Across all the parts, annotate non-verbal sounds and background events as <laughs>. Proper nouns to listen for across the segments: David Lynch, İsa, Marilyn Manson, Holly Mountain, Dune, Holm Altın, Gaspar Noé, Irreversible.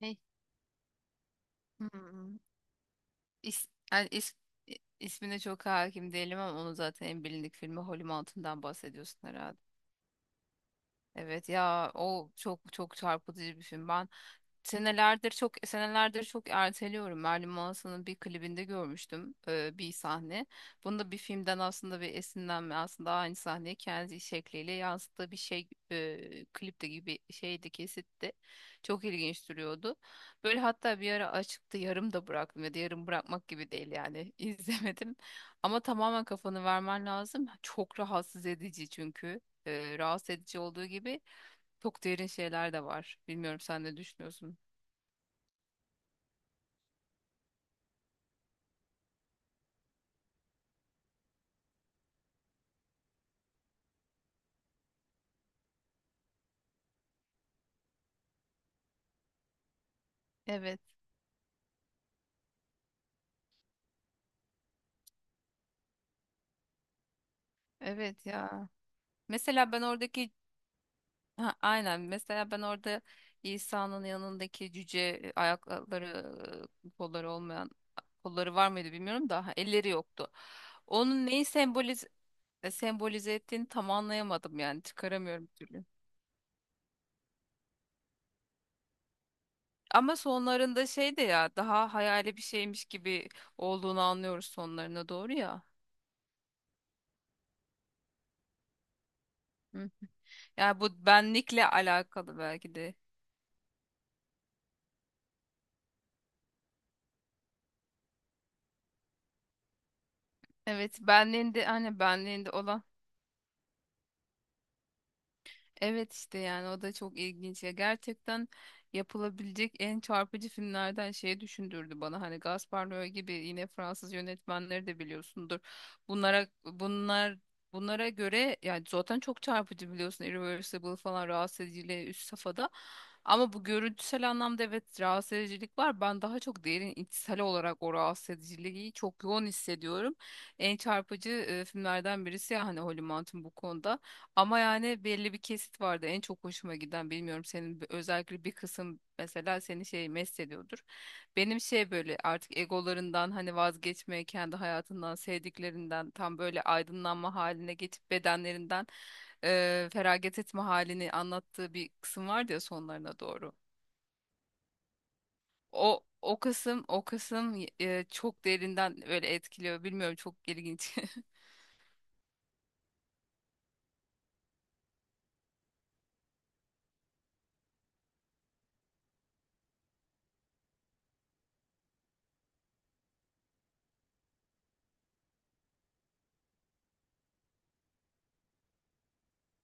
Hey. Hmm. İs, yani is- ismine çok hakim değilim ama onun zaten en bilindik filmi Holm Altın'dan bahsediyorsun herhalde. Evet ya, o çok çarpıcı bir film. Ben senelerdir, çok senelerdir çok erteliyorum. Marilyn Manson'un bir klibinde görmüştüm bir sahne. Bunda bir filmden aslında bir esinlenme, aslında aynı sahneyi kendi şekliyle yansıttığı bir şey klipte gibi şeydi, kesitti. Çok ilginç duruyordu. Böyle hatta bir ara açıktı, yarım da bıraktım ya da yarım bırakmak gibi değil yani <laughs> izlemedim. Ama tamamen kafanı vermen lazım. Çok rahatsız edici çünkü rahatsız edici olduğu gibi çok derin şeyler de var. Bilmiyorum, sen ne düşünüyorsun? Evet, evet ya. Mesela ben oradaki. Ha, aynen, mesela ben orada İsa'nın yanındaki cüce, ayakları, kolları olmayan, kolları var mıydı bilmiyorum da, ha, elleri yoktu. Onun neyi sembolize ettiğini tam anlayamadım yani, çıkaramıyorum bir türlü. Ama sonlarında şey de ya, daha hayali bir şeymiş gibi olduğunu anlıyoruz sonlarına doğru ya. Yani bu benlikle alakalı belki de. Evet, benliğinde, hani benliğinde olan. Evet işte, yani o da çok ilginç ya, gerçekten yapılabilecek en çarpıcı filmlerden. Şeyi düşündürdü bana, hani Gaspar Noé gibi, yine Fransız yönetmenleri de biliyorsundur, bunlara bunlara göre yani, zaten çok çarpıcı biliyorsun, Irreversible falan rahatsız ediciyle üst safhada, ama bu görüntüsel anlamda evet rahatsız edicilik var, ben daha çok derin içsel olarak o rahatsız ediciliği çok yoğun hissediyorum. En çarpıcı filmlerden birisi ya hani, Holly Mountain bu konuda. Ama yani belli bir kesit vardı en çok hoşuma giden, bilmiyorum senin özellikle bir kısım mesela seni şey mest ediyordur. Benim şey, böyle artık egolarından hani vazgeçmeye, kendi hayatından, sevdiklerinden, tam böyle aydınlanma haline geçip bedenlerinden feragat etme halini anlattığı bir kısım vardı ya sonlarına doğru. O kısım çok derinden öyle etkiliyor, bilmiyorum, çok ilginç. <laughs>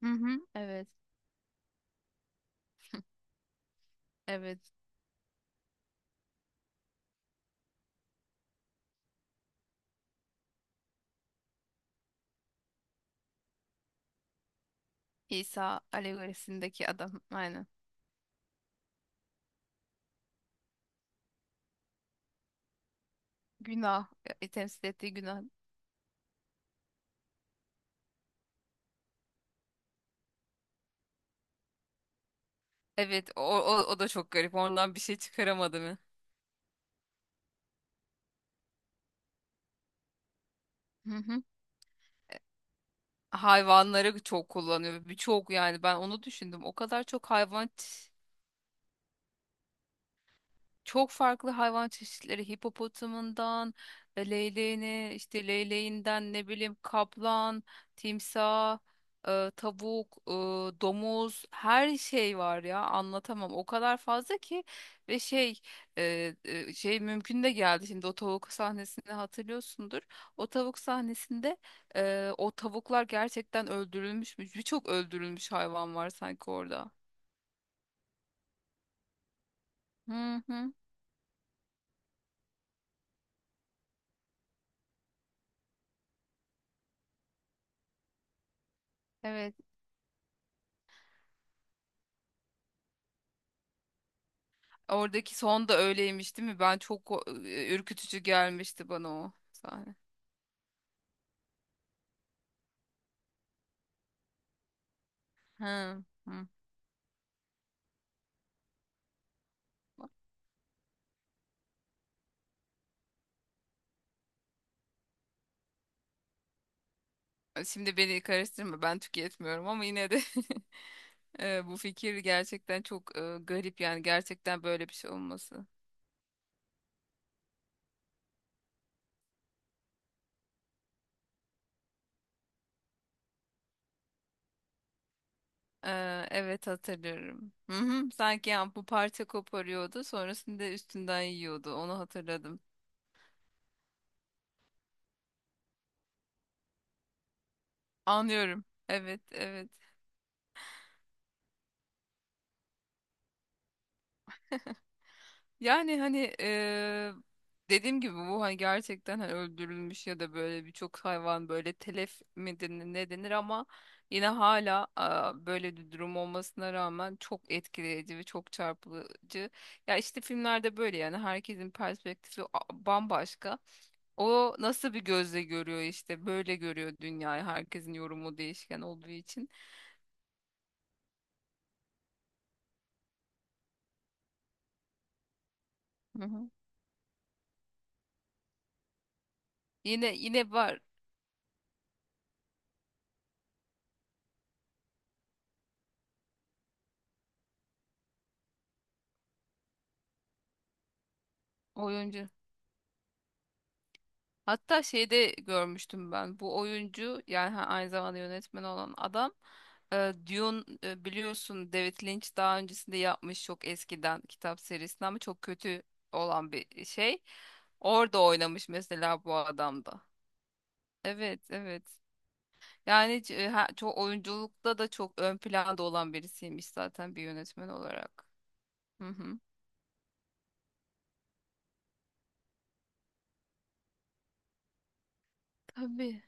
Hı hı, evet. Evet, İsa alegorisindeki adam, aynen. Günah. E, temsil ettiği günah. Evet, o, o o da çok garip. Ondan bir şey çıkaramadı mı? Hı hı. Hayvanları çok kullanıyor. Birçok, yani ben onu düşündüm. O kadar çok hayvan Çok farklı hayvan çeşitleri, hipopotamından leyleğine, işte leyleğinden ne bileyim kaplan, timsah, tavuk, domuz, her şey var ya, anlatamam. O kadar fazla ki ve şey, şey mümkün de geldi. Şimdi o tavuk sahnesini hatırlıyorsundur. O tavuk sahnesinde o tavuklar gerçekten öldürülmüş mü? Birçok öldürülmüş hayvan var sanki orada. Hı hı. Evet. Oradaki son da öyleymiş değil mi? Ben çok ürkütücü gelmişti bana o sahne. Hı, hı. Şimdi beni karıştırma, ben tüketmiyorum ama yine de <laughs> bu fikir gerçekten çok garip yani, gerçekten böyle bir şey olması. E, evet hatırlıyorum. Hı hı, sanki yani bu, parça koparıyordu sonrasında, üstünden yiyordu, onu hatırladım. Anlıyorum. Evet evet. Yani hani dediğim gibi, bu hani gerçekten hani öldürülmüş ya da böyle birçok hayvan böyle telef mi denir, ne denir, ama yine hala aa, böyle bir durum olmasına rağmen çok etkileyici ve çok çarpıcı. Ya işte filmlerde böyle yani, herkesin perspektifi bambaşka. O nasıl bir gözle görüyor, işte böyle görüyor dünyayı, herkesin yorumu değişken olduğu için. Hı hı. Yine var oyuncu. Hatta şeyde görmüştüm ben bu oyuncu yani, aynı zamanda yönetmen olan adam, Dune, biliyorsun David Lynch daha öncesinde yapmış, çok eskiden, kitap serisinden ama çok kötü olan bir şey. Orada oynamış mesela bu adam da. Evet evet. Yani çok oyunculukta da çok ön planda olan birisiymiş zaten bir yönetmen olarak. Hı hı. Tabii.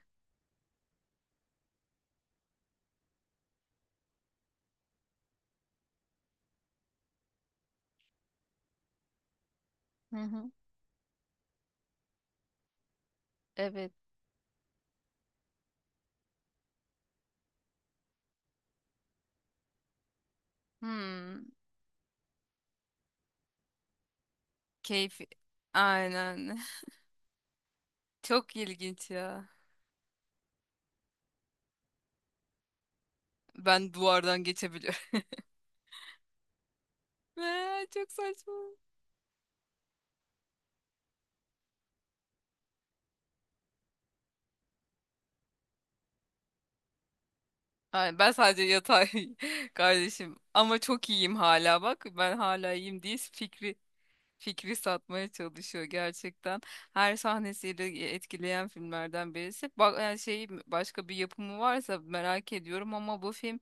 Hı hı. Evet. Hmm. Keyfi. Aynen. <laughs> Çok ilginç ya. Ben duvardan geçebiliyorum. <laughs> Çok saçma. Ay, ben sadece yatay <laughs> kardeşim. Ama çok iyiyim hala bak. Ben hala iyiyim diye fikri satmaya çalışıyor gerçekten. Her sahnesiyle etkileyen filmlerden birisi. Bak yani şey, başka bir yapımı varsa merak ediyorum, ama bu film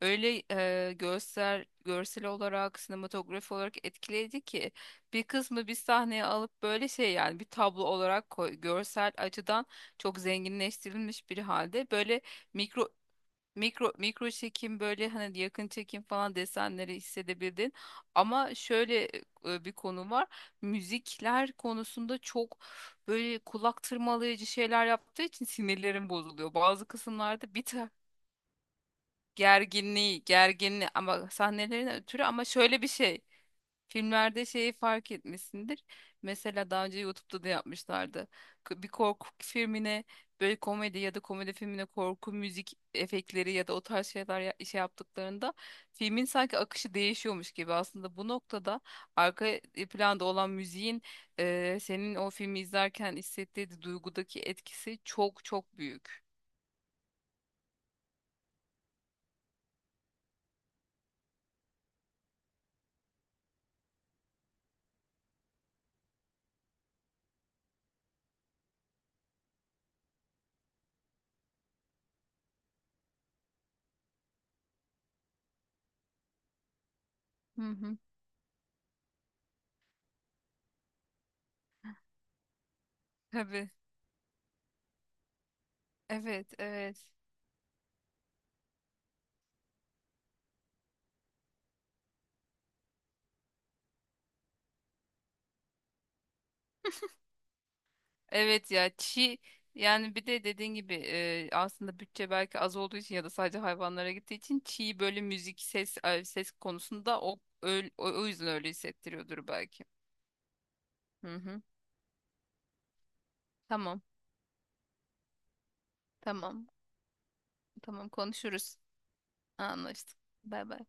öyle görsel olarak, sinematografi olarak etkileyici ki bir kısmı bir sahneye alıp böyle şey, yani bir tablo olarak koy, görsel açıdan çok zenginleştirilmiş bir halde böyle mikro. Mikro çekim böyle hani, yakın çekim falan desenleri hissedebildin. Ama şöyle bir konu var. Müzikler konusunda çok böyle kulak tırmalayıcı şeyler yaptığı için sinirlerim bozuluyor. Bazı kısımlarda bir tık gerginliği, ama sahnelerin ötürü, ama şöyle bir şey. Filmlerde şeyi fark etmişsindir. Mesela daha önce YouTube'da da yapmışlardı. Bir korku filmine böyle komedi ya da komedi filmine korku müzik efektleri ya da o tarz şeyler şey yaptıklarında filmin sanki akışı değişiyormuş gibi. Aslında bu noktada arka planda olan müziğin senin o filmi izlerken hissettiği duygudaki etkisi çok büyük. Hı hı. Tabii. Evet, evet. Evet ya, çiğ, yani bir de dediğin gibi aslında bütçe belki az olduğu için ya da sadece hayvanlara gittiği için çiğ, böyle müzik ses, ses konusunda o öyle, o yüzden öyle hissettiriyordur belki. Hı hı. Tamam. Tamam. Tamam, konuşuruz. Anlaştık. Bay bay.